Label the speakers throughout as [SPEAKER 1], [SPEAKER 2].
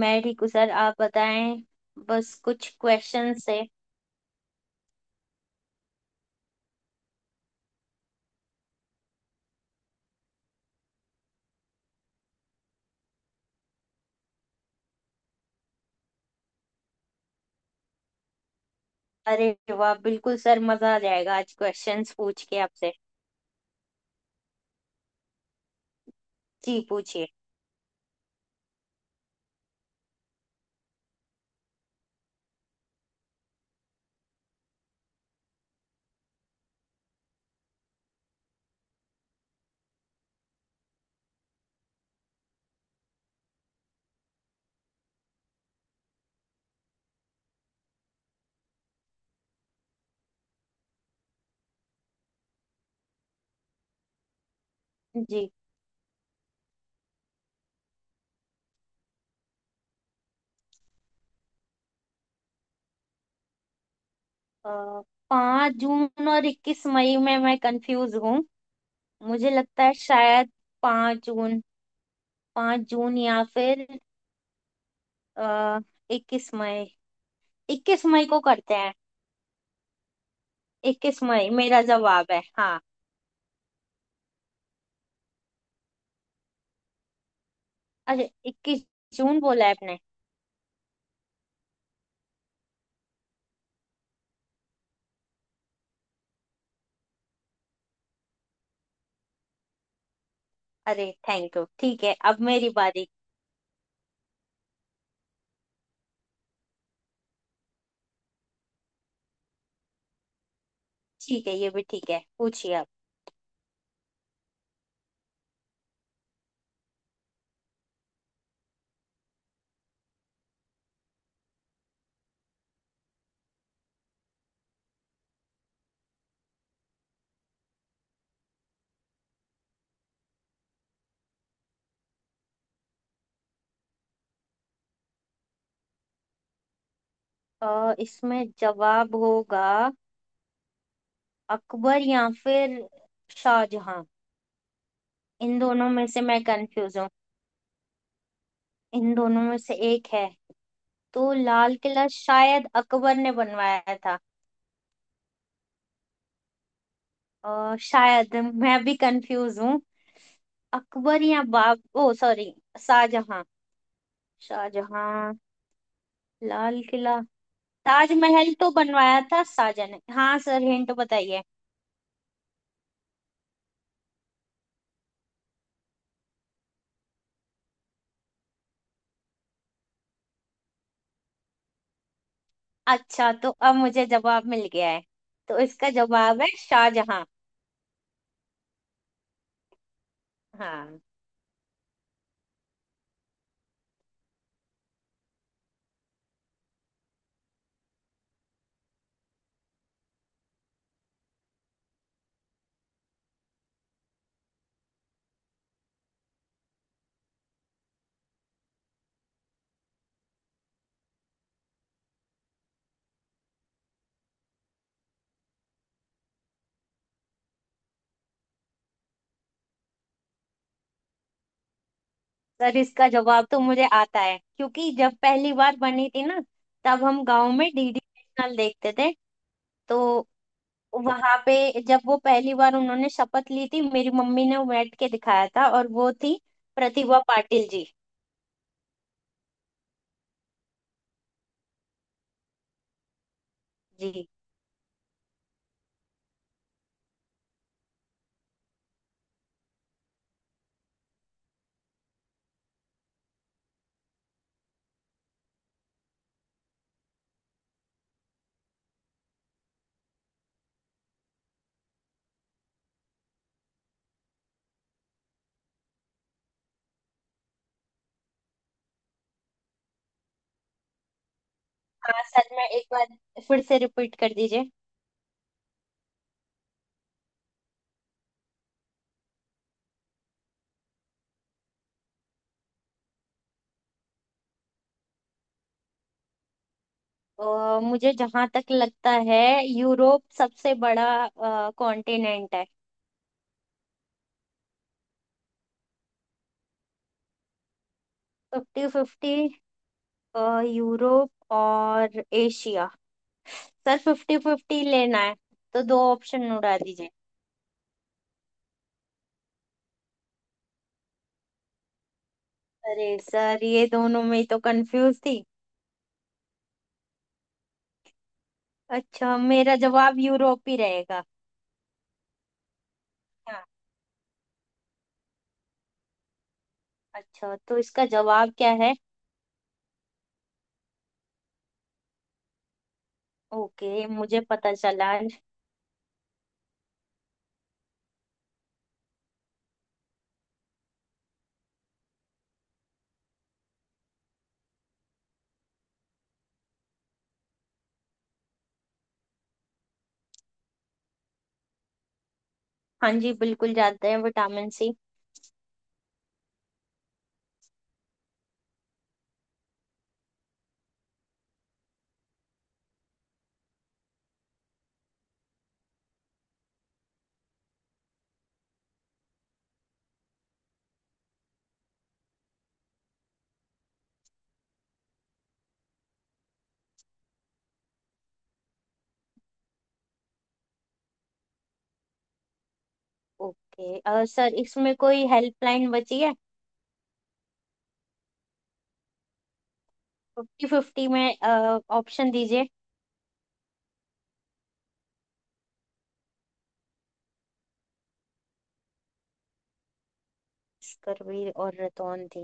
[SPEAKER 1] मैं ठीक हूँ सर, आप बताएं। बस कुछ क्वेश्चन है। अरे वाह, बिल्कुल सर, मजा आ जाएगा आज क्वेश्चंस पूछ के आपसे। जी पूछिए। जी। पाँच जून और इक्कीस मई में मैं कंफ्यूज हूँ। मुझे लगता है शायद पाँच जून, पाँच जून या फिर आ, इक्कीस मई, इक्कीस मई को करते हैं। इक्कीस मई मेरा जवाब है। हाँ, अरे इक्कीस जून बोला है आपने। अरे थैंक यू, ठीक है, अब मेरी बारी। ठीक है, ये भी ठीक है, पूछिए आप। इसमें जवाब होगा अकबर या फिर शाहजहां। इन दोनों में से मैं कंफ्यूज हूँ। इन दोनों में से एक है। तो लाल किला शायद अकबर ने बनवाया था। शायद मैं भी कंफ्यूज हूँ। अकबर या बाब, ओ सॉरी, शाहजहां। शाहजहां। लाल किला ताजमहल तो बनवाया था शाहजहां ने। हाँ सर, हिंट बताइए। अच्छा, तो अब मुझे जवाब मिल गया है। तो इसका जवाब है शाहजहां। हाँ सर, इसका जवाब तो मुझे आता है, क्योंकि जब पहली बार बनी थी ना, तब हम गांव में डीडी नेशनल देखते थे। तो वहां पे जब वो पहली बार उन्होंने शपथ ली थी, मेरी मम्मी ने बैठ के दिखाया था, और वो थी प्रतिभा पाटिल जी। जी। हाँ सर, मैं एक बार फिर से रिपीट कर दीजिए। मुझे जहां तक लगता है यूरोप सबसे बड़ा कॉन्टिनेंट है। Fifty fifty. यूरोप और एशिया। सर, फिफ्टी फिफ्टी लेना है, तो दो ऑप्शन उड़ा दीजिए। अरे सर, ये दोनों में ही तो कंफ्यूज थी। अच्छा, मेरा जवाब यूरोप ही रहेगा। हाँ। अच्छा, तो इसका जवाब क्या है। ओके, मुझे पता चला। हाँ जी, बिल्कुल जाते हैं विटामिन सी। ओके, सर, इसमें कोई हेल्पलाइन बची है। फिफ्टी फिफ्टी में ऑप्शन दीजिए। स्कर्वी और रतौन थी,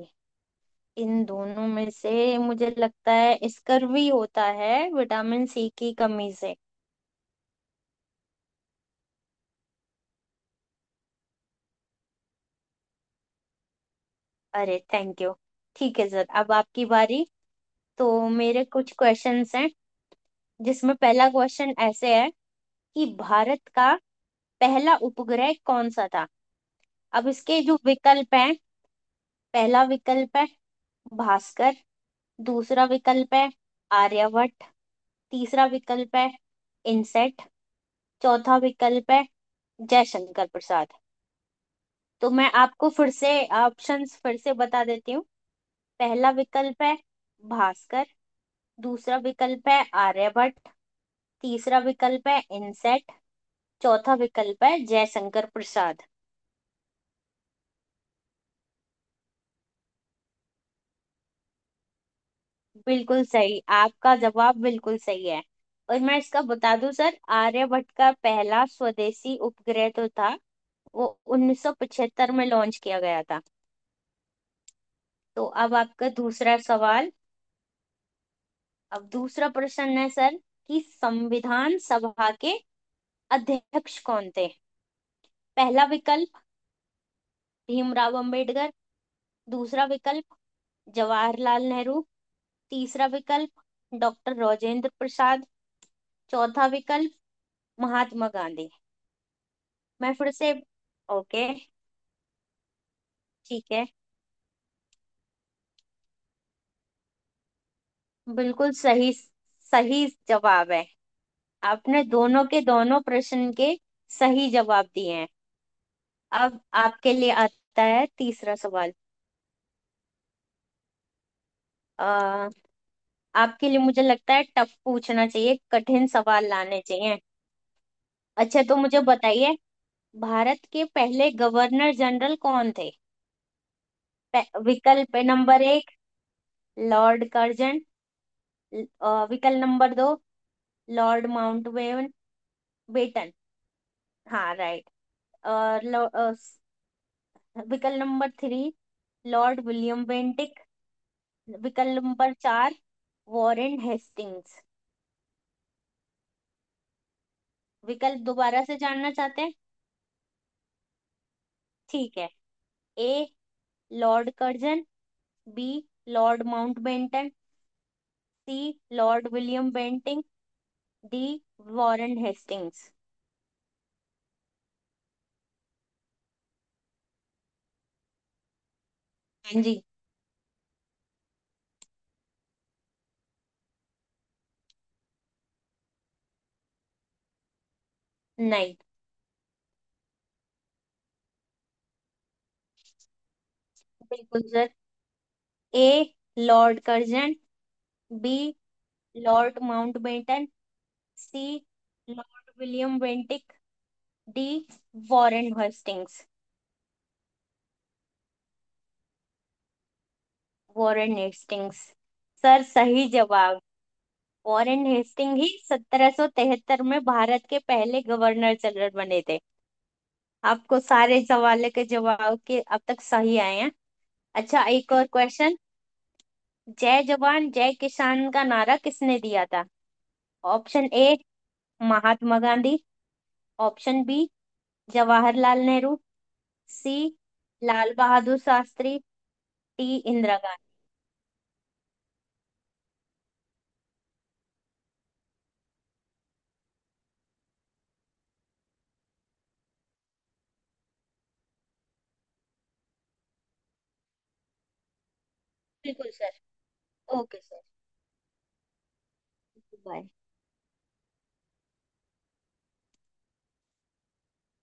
[SPEAKER 1] इन दोनों में से मुझे लगता है स्कर्वी होता है विटामिन सी की कमी से। अरे थैंक यू। ठीक है सर, अब आपकी बारी। तो मेरे कुछ क्वेश्चंस हैं, जिसमें पहला क्वेश्चन ऐसे है कि भारत का पहला उपग्रह कौन सा था। अब इसके जो विकल्प हैं, पहला विकल्प है भास्कर, दूसरा विकल्प है आर्यभट्ट, तीसरा विकल्प है इनसेट, चौथा विकल्प है जयशंकर प्रसाद। तो मैं आपको फिर से ऑप्शंस फिर से बता देती हूँ। पहला विकल्प है भास्कर, दूसरा विकल्प है आर्यभट्ट, तीसरा विकल्प है इनसेट, चौथा विकल्प है जयशंकर प्रसाद। बिल्कुल सही, आपका जवाब बिल्कुल सही है। और मैं इसका बता दूं सर, आर्यभट्ट का पहला स्वदेशी उपग्रह तो था। वो 1975 में लॉन्च किया गया था। तो अब आपका दूसरा सवाल। अब दूसरा प्रश्न है सर, कि संविधान सभा के अध्यक्ष कौन थे। पहला विकल्प भीमराव अंबेडकर, दूसरा विकल्प जवाहरलाल नेहरू, तीसरा विकल्प डॉक्टर राजेंद्र प्रसाद, चौथा विकल्प महात्मा गांधी। मैं फिर से। ओके, ठीक है। बिल्कुल सही, सही जवाब है। आपने दोनों के दोनों प्रश्न के सही जवाब दिए हैं। अब आपके लिए आता है तीसरा सवाल। आ, आपके लिए मुझे लगता है टफ पूछना चाहिए, कठिन सवाल लाने चाहिए। अच्छा, तो मुझे बताइए, भारत के पहले गवर्नर जनरल कौन थे। विकल्प नंबर एक लॉर्ड कर्जन, विकल्प नंबर दो लॉर्ड माउंटबेटन, बेटन। हाँ राइट। और लो- अ, स- विकल्प number three Lord William Bentinck, विकल्प नंबर चार वॉरेन हेस्टिंग्स। विकल्प दोबारा से जानना चाहते हैं। ठीक है। A Lord Curzon, B Lord Mountbatten, C Lord William Bentinck, D Warren Hastings. हाँ जी। नहीं। बिल्कुल sir. A Lord Curzon, B Lord Mountbatten, C Lord William Bentinck, D Warren Hastings. Warren Hastings sir, सही जवाब। वॉरेन हेस्टिंग ही 1773 में भारत के पहले गवर्नर जनरल बने थे। आपको सारे सवालों के जवाब के अब तक सही आए हैं। अच्छा, एक और क्वेश्चन। जय जवान जय किसान का नारा किसने दिया था। Option A Mahatma Gandhi, option B Jawaharlal Nehru, C Lal Bahadur Shastri, D Indira Gandhi. बिल्कुल सर। Okay sir. बाय।